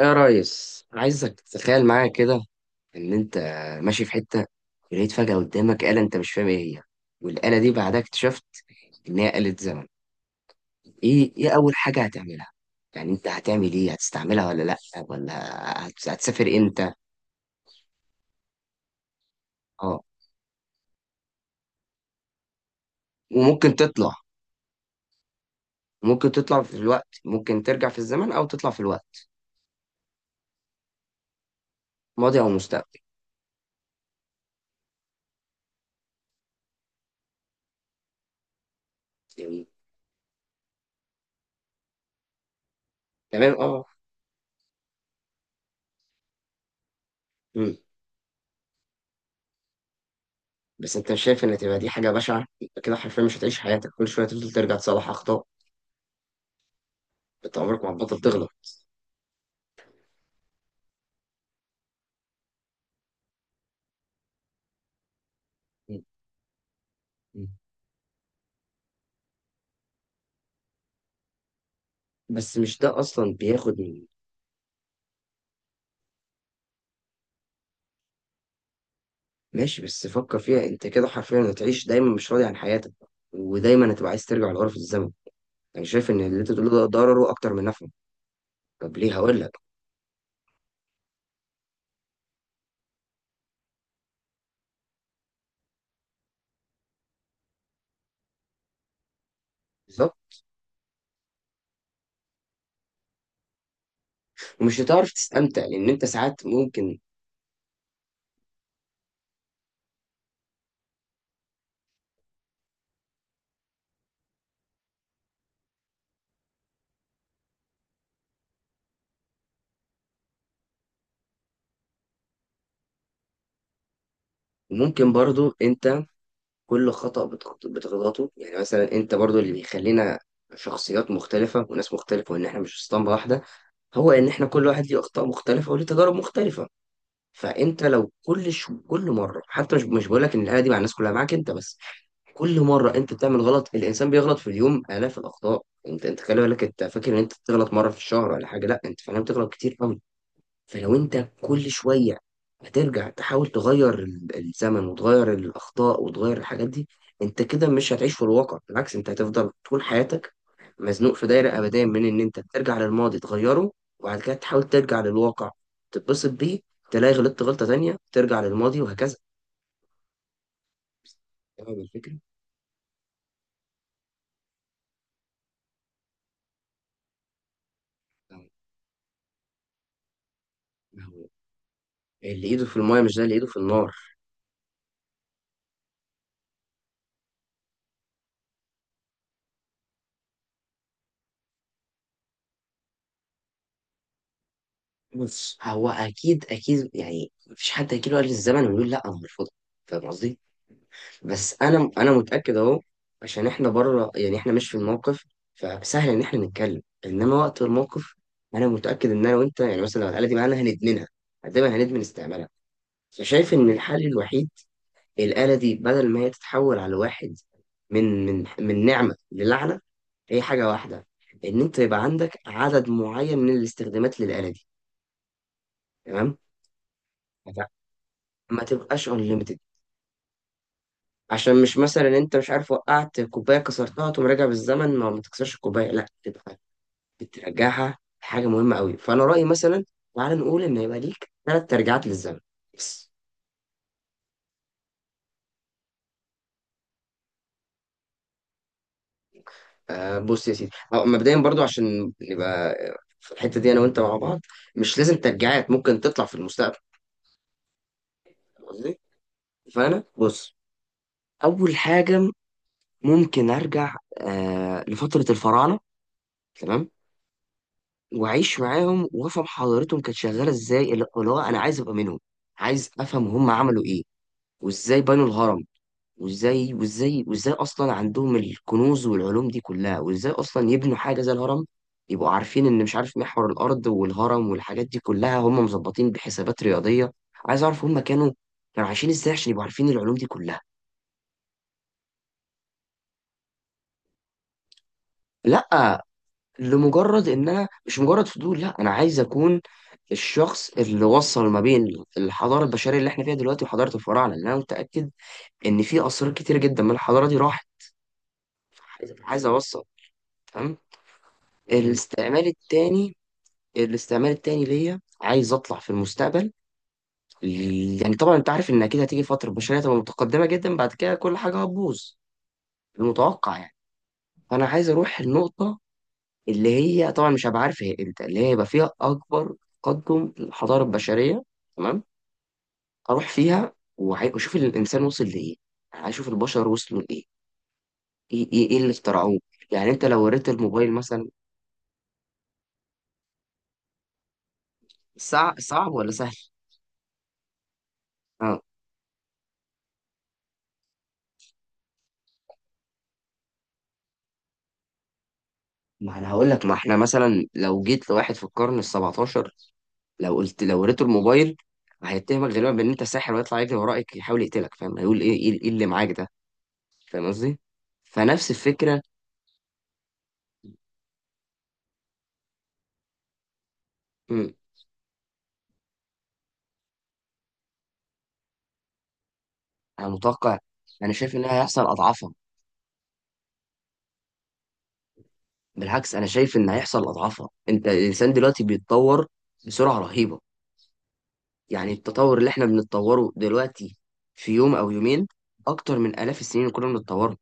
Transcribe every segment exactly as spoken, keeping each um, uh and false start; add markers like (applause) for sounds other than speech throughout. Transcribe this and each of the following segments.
يا ريس، عايزك تتخيل معايا كده ان انت ماشي في حته ولقيت فجاه قدامك آلة انت مش فاهم ايه هي. والآلة دي بعدها اكتشفت ان هي آلة زمن. ايه ايه اول حاجه هتعملها؟ يعني انت هتعمل ايه، هتستعملها ولا لا؟ ولا هت- هتسافر امتى؟ اه، وممكن تطلع ممكن تطلع في الوقت، ممكن ترجع في الزمن او تطلع في الوقت. ماضي او مستقبل، يعني. تمام، اه. مم. بس انت مش شايف ان تبقى دي حاجه بشعه؟ انت كده حرفيا مش هتعيش حياتك، كل شويه تفضل ترجع تصلح اخطاء. انت عمرك ما هتبطل تغلط. م- م. بس مش ده اصلا بياخد من. ماشي، بس فكر فيها، انت كده حرفيا هتعيش دايما مش راضي عن حياتك، ودايما هتبقى عايز ترجع لغرف الزمن. يعني شايف ان اللي انت بتقوله ده ضرره اكتر من نفعه. طب ليه؟ هقول لك. بالظبط. ومش هتعرف تستمتع لان انت ساعات ممكن ممكن برضو انت. كل خطأ بتخط- بتغلطه، يعني مثلا انت برضو اللي يخلينا شخصيات مختلفة وناس مختلفة، وان احنا مش اسطمبة واحدة. هو ان احنا كل واحد ليه اخطاء مختلفة وليه تجارب مختلفة. فانت لو كل شو كل مره، حتى مش مش بقول لك ان الاله دي مع الناس كلها، معاك انت بس، كل مره انت بتعمل غلط. الانسان بيغلط في اليوم الاف الاخطاء. انت انت خلي بالك، انت فاكر ان انت بتغلط مره في الشهر ولا حاجه؟ لا، انت فعلا بتغلط كتير قوي. فلو انت كل شوية هترجع تحاول تغير ال- الزمن وتغير الأخطاء وتغير الحاجات دي، انت كده مش هتعيش في الواقع. بالعكس، انت هتفضل طول حياتك مزنوق في دايرة أبدية من ان انت ترجع للماضي تغيره، وبعد كده تحاول ترجع للواقع تتبسط بيه، تلاقي غلطت غلطة تانية ترجع للماضي، وهكذا. فاهم الفكرة؟ طيب. ما هو اللي ايده في المايه مش زي اللي ايده في النار. بص، هو اكيد اكيد، يعني مفيش حد هيجي له قال الزمن ويقول لا انا مرفوض. فاهم قصدي؟ بس انا انا متاكد اهو. عشان احنا بره، يعني احنا مش في الموقف، فسهل ان احنا نتكلم. انما وقت الموقف، انا متاكد ان انا وانت، يعني مثلا لو الاله دي معانا، هندمنها. دايما هندمن استعمالها. فشايف ان الحل الوحيد، الاله دي بدل ما هي تتحول على واحد من من من نعمه للعنه، هي حاجه واحده، ان انت يبقى عندك عدد معين من الاستخدامات للاله دي. تمام. ما تبقاش unlimited. عشان مش مثلا انت مش عارف وقعت كوبايه كسرتها تقوم راجع بالزمن ما ما تكسرش الكوبايه. لا، تبقى بترجعها حاجه مهمه قوي. فانا رايي مثلا، تعال نقول ان يبقى ليك ثلاث ترجعات للزمن بس. آه بص يا سيدي، أو مبدئيا برضو، عشان نبقى آه، في الحته دي انا وانت مع بعض، مش لازم ترجعات، ممكن تطلع في المستقبل. فاهم قصدي. فانا بص، اول حاجه ممكن ارجع آه لفتره الفراعنه. تمام. واعيش معاهم وافهم حضارتهم كانت شغاله ازاي، اللي اللي هو انا عايز ابقى منهم. عايز افهم هم عملوا ايه، وازاي بنوا الهرم. وازاي وازاي وازاي اصلا عندهم الكنوز والعلوم دي كلها، وازاي اصلا يبنوا حاجه زي الهرم يبقوا عارفين ان، مش عارف، محور الارض والهرم والحاجات دي كلها هم مظبطين بحسابات رياضيه. عايز اعرف هم كانوا كانوا عايشين ازاي عشان يبقوا عارفين العلوم دي كلها. لا، لمجرد ان انا، مش مجرد فضول، لا انا عايز اكون الشخص اللي وصل ما بين الحضاره البشريه اللي احنا فيها دلوقتي وحضاره الفراعنه، لان انا متاكد ان في اسرار كتير جدا من الحضاره دي راحت. عايز عايز اوصل. تمام. الاستعمال التاني الاستعمال التاني ليا، عايز اطلع في المستقبل. يعني طبعا انت عارف ان اكيد هتيجي فتره البشريه تبقى متقدمه جدا، بعد كده كل حاجه هتبوظ، المتوقع يعني. فانا عايز اروح النقطه اللي هي، طبعا مش هبقى عارف هي امتى، اللي هي يبقى فيها اكبر تقدم الحضاره البشريه. تمام. اروح فيها وعاي- واشوف الانسان وصل لايه، يعني اشوف البشر وصلوا لايه. ايه ايه إيه اللي اخترعوه؟ يعني انت لو وريت الموبايل مثلا. صعب صعب ولا سهل؟ اه، ما انا هقول لك، ما احنا مثلا لو جيت لواحد في القرن ال سبعتاشر، لو قلت، لو وريته الموبايل، هيتهمك غالبا بان انت ساحر ويطلع يجري وراك يحاول يقتلك. فاهم هيقول ايه؟ ايه إيه اللي معاك ده؟ فاهم قصدي. فنفس الفكره. انا متوقع، انا شايف ان هيحصل اضعافها. بالعكس، انا شايف ان هيحصل اضعافها. انت الانسان دلوقتي بيتطور بسرعه رهيبه. يعني التطور اللي احنا بنتطوره دلوقتي في يوم او يومين اكتر من الاف السنين اللي كنا بنتطوره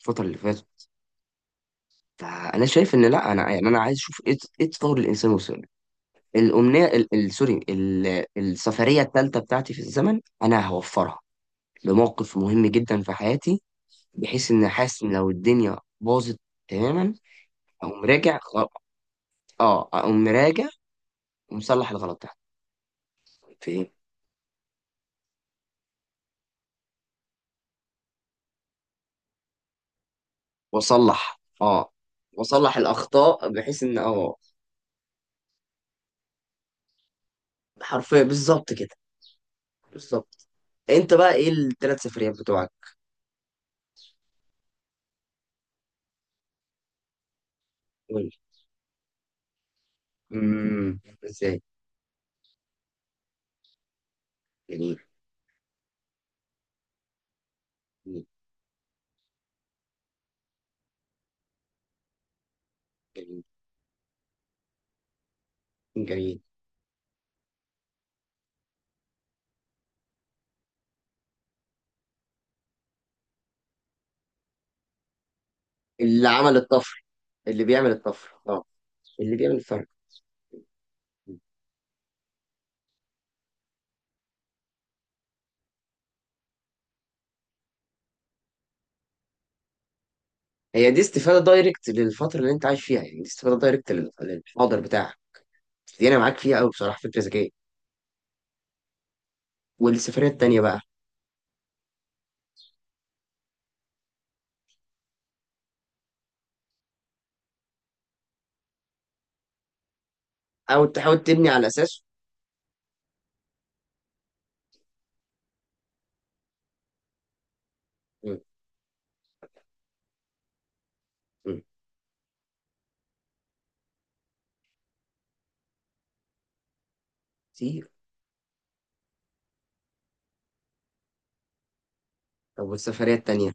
الفتره اللي فاتت. فانا شايف ان، لا انا يعني انا عايز اشوف ايه ايه التطور اللي الانسان وصل له. الامنيه ال- ال- سوري ال- السفريه الثالثه بتاعتي في الزمن انا هوفرها لموقف مهم جدا في حياتي، بحيث ان حاسس ان لو الدنيا باظت تماما، اقوم راجع اه اقوم مراجع ومصلح الغلط ده فين. واصلح اه واصلح الاخطاء بحيث ان اه حرفيا بالظبط كده. بالظبط. انت بقى ايه الثلاث سفريات بتوعك؟ قول. امم، ازاي؟ جميل. جميل. جميل. جميل. اللي عمل الطفر اللي بيعمل الطفر اه اللي بيعمل الفرق. هي دي استفاده دايركت للفتره اللي انت عايش فيها، يعني دي استفاده دايركت لل- للحاضر بتاعك. دي انا معاك فيها قوي بصراحه، فكره ذكيه. والسفريه التانيه بقى. او تحاول تبني على اساسه. كتير. طب والسفرية التانية؟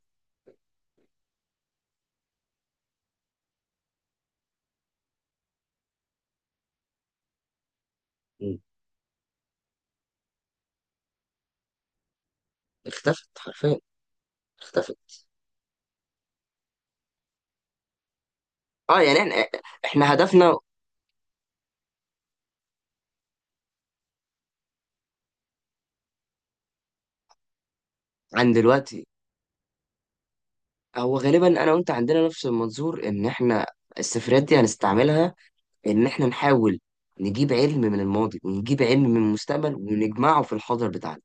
مم. اختفت حرفيا. اختفت. اه، يعني احنا احنا هدفنا. عن دلوقتي. هو غالبا انا وانت عندنا نفس المنظور، ان احنا السفريات دي هنستعملها، ان احنا نحاول نجيب علم من الماضي ونجيب علم من المستقبل ونجمعه في الحاضر بتاعنا.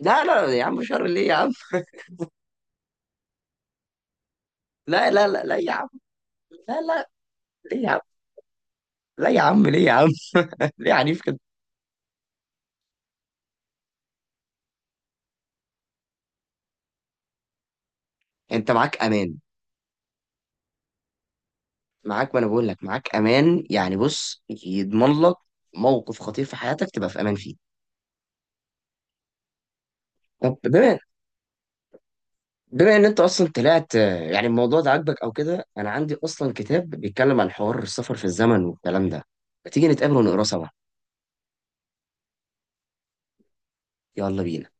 لا لا يا عم، شر ليه يا عم؟ لا لا لا لا يا عم. لا لا، ليه يا عم؟ لا يا عم، ليه يا عم؟ (laughs) ليه عنيف كده؟ انت معاك امان. معاك، ما انا بقول لك معاك امان، يعني بص، يضمن لك موقف خطير في حياتك تبقى في امان فيه. طب بما بما ان انت اصلا طلعت آه، يعني الموضوع ده عاجبك او كده، انا عندي اصلا كتاب بيتكلم عن حوار السفر في الزمن والكلام ده. ما تيجي نتقابل ونقراه سوا. يلا بينا.